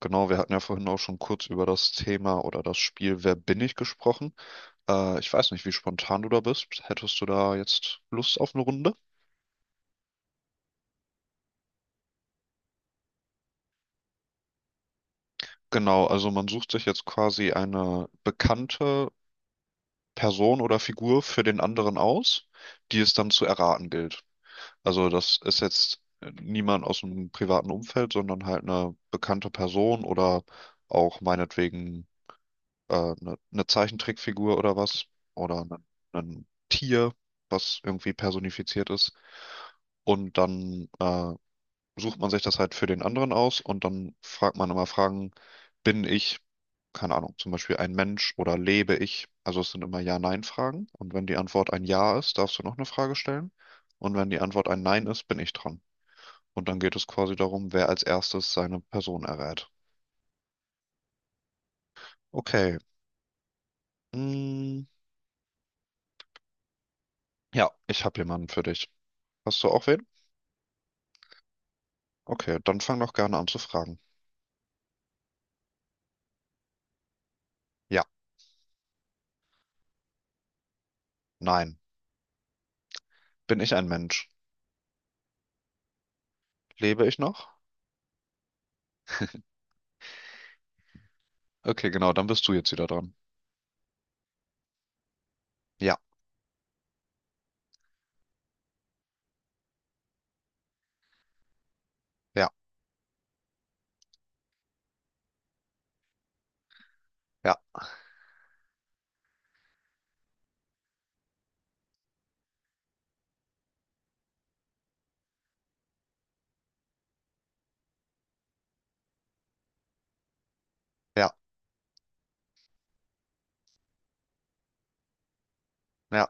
Genau, wir hatten ja vorhin auch schon kurz über das Thema oder das Spiel Wer bin ich gesprochen. Ich weiß nicht, wie spontan du da bist. Hättest du da jetzt Lust auf eine Runde? Genau, also man sucht sich jetzt quasi eine bekannte Person oder Figur für den anderen aus, die es dann zu erraten gilt. Also das ist jetzt niemand aus dem privaten Umfeld, sondern halt eine bekannte Person oder auch meinetwegen eine Zeichentrickfigur oder was oder ein Tier, was irgendwie personifiziert ist. Und dann sucht man sich das halt für den anderen aus und dann fragt man immer Fragen, bin ich, keine Ahnung, zum Beispiel ein Mensch oder lebe ich? Also es sind immer Ja-Nein-Fragen. Und wenn die Antwort ein Ja ist, darfst du noch eine Frage stellen. Und wenn die Antwort ein Nein ist, bin ich dran. Und dann geht es quasi darum, wer als erstes seine Person errät. Okay. Mm, ja, ich habe jemanden für dich. Hast du auch wen? Okay, dann fang doch gerne an zu fragen. Ja, nein. Bin ich ein Mensch? Lebe ich noch? Okay, genau, dann bist du jetzt wieder dran. Ja, ja, ja, ja, ja,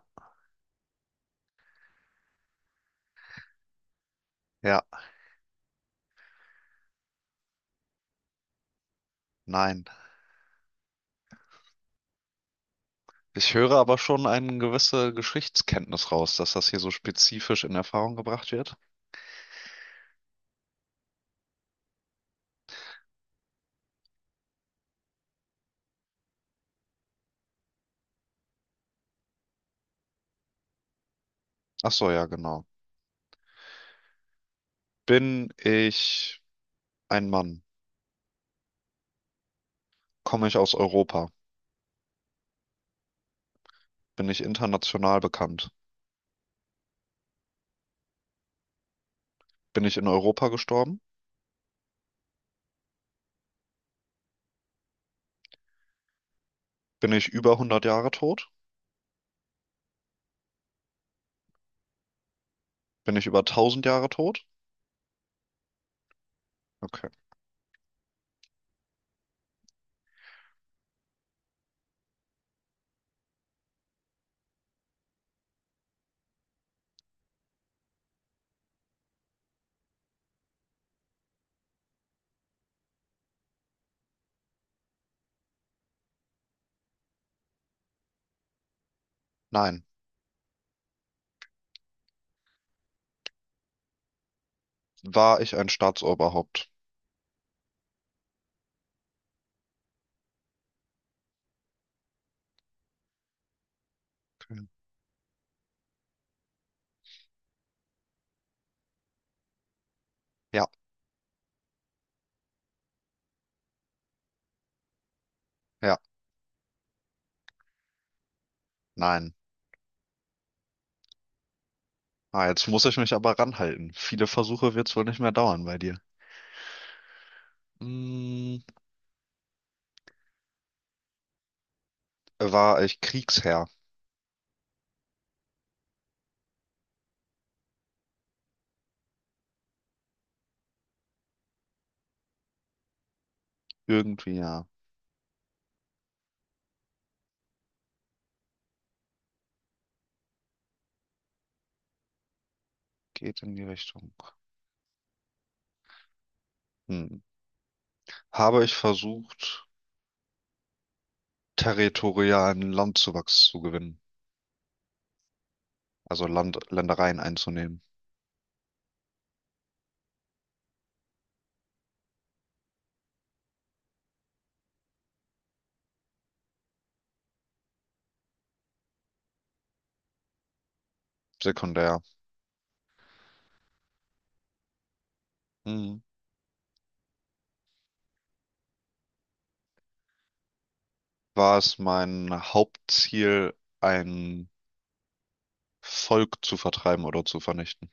ja, nein. Ich höre aber schon eine gewisse Geschichtskenntnis raus, dass das hier so spezifisch in Erfahrung gebracht wird. Ach so, ja, genau. Bin ich ein Mann? Komme ich aus Europa? Bin ich international bekannt? Bin ich in Europa gestorben? Bin ich über 100 Jahre tot? Bin ich über 1000 Jahre tot? Okay. Nein. War ich ein Staatsoberhaupt? Okay. Ja, ja, nein. Ah, jetzt muss ich mich aber ranhalten. Viele Versuche wird es wohl nicht mehr dauern bei dir. Mm, War ich Kriegsherr? Irgendwie ja. Geht in die Richtung. Hm. Habe ich versucht, territorialen Landzuwachs zu gewinnen? Also Land, Ländereien einzunehmen. Sekundär. Hm. War es mein Hauptziel, ein Volk zu vertreiben oder zu vernichten?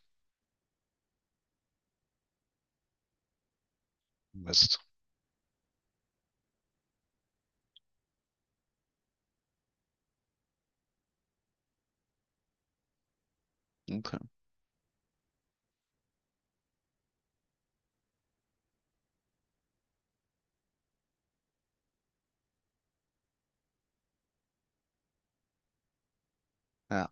Mist. Okay. Ja.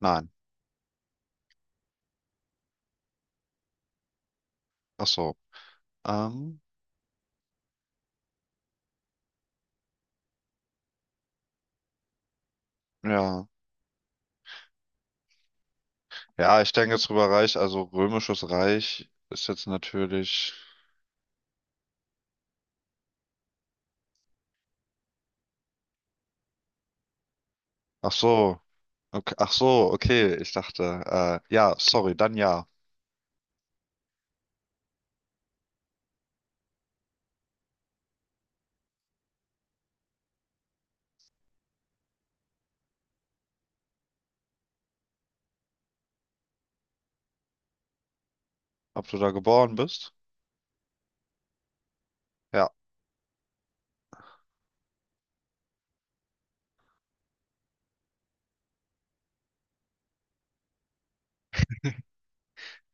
Nein. Ach so. Ähm, ja. Ja, ich denke jetzt drüber Reich, also Römisches Reich ist jetzt natürlich. Ach so, okay, ach so, okay, ich dachte, ja, sorry, dann ja. Ob du da geboren bist? Ja.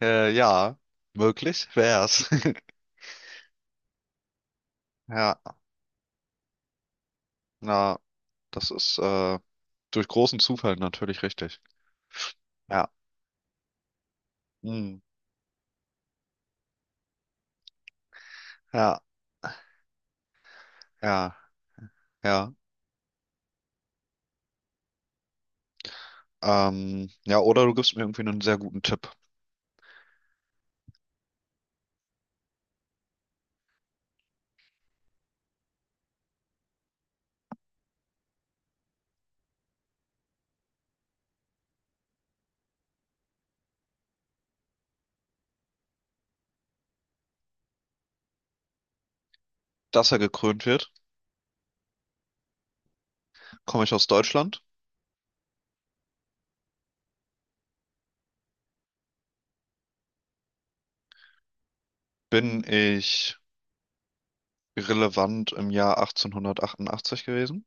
Ja, möglich wär's. Ja, na, das ist durch großen Zufall natürlich richtig. Ja. Hm, ja, ja, ja. Ja, oder du gibst mir irgendwie einen sehr guten Tipp. Dass er gekrönt wird, komme ich aus Deutschland, bin ich relevant im Jahr 1888 gewesen,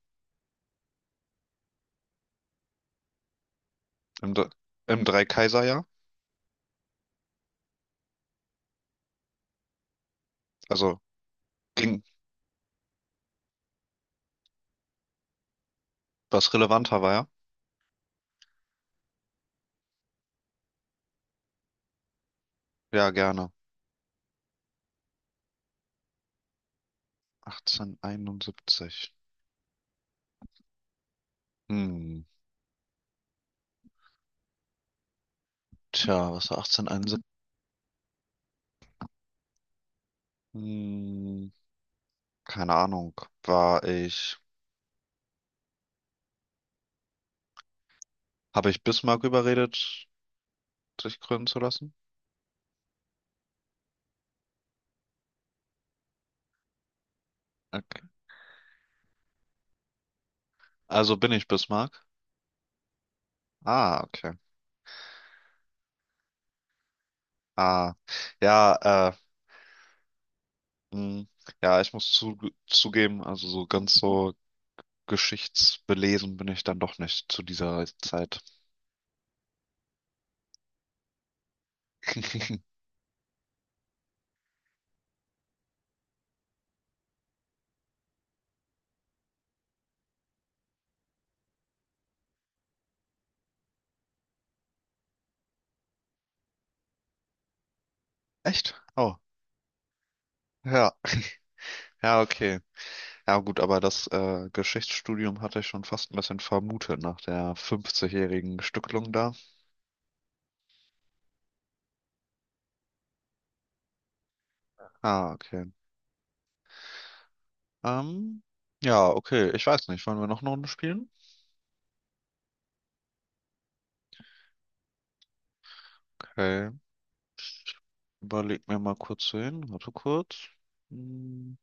im, Dr- im Dreikaiserjahr. Also ging, was relevanter war, ja? Ja, gerne. 1871. Hm, tja, was war 1871? Hm, keine Ahnung. War ich, habe ich Bismarck überredet, sich krönen zu lassen? Okay. Also bin ich Bismarck? Ah, okay. Ah, ja, äh, hm, ja, ich muss zugeben, also so ganz so geschichtsbelesen bin ich dann doch nicht zu dieser Zeit. Echt? Oh, ja. Ja, okay. Ja, gut, aber das Geschichtsstudium hatte ich schon fast ein bisschen vermutet nach der 50-jährigen Stückelung da. Ah, okay. Ähm, ja, okay. Ich weiß nicht. Wollen wir noch eine Runde spielen? Okay. Überleg mir mal kurz hin. Warte kurz. Hm.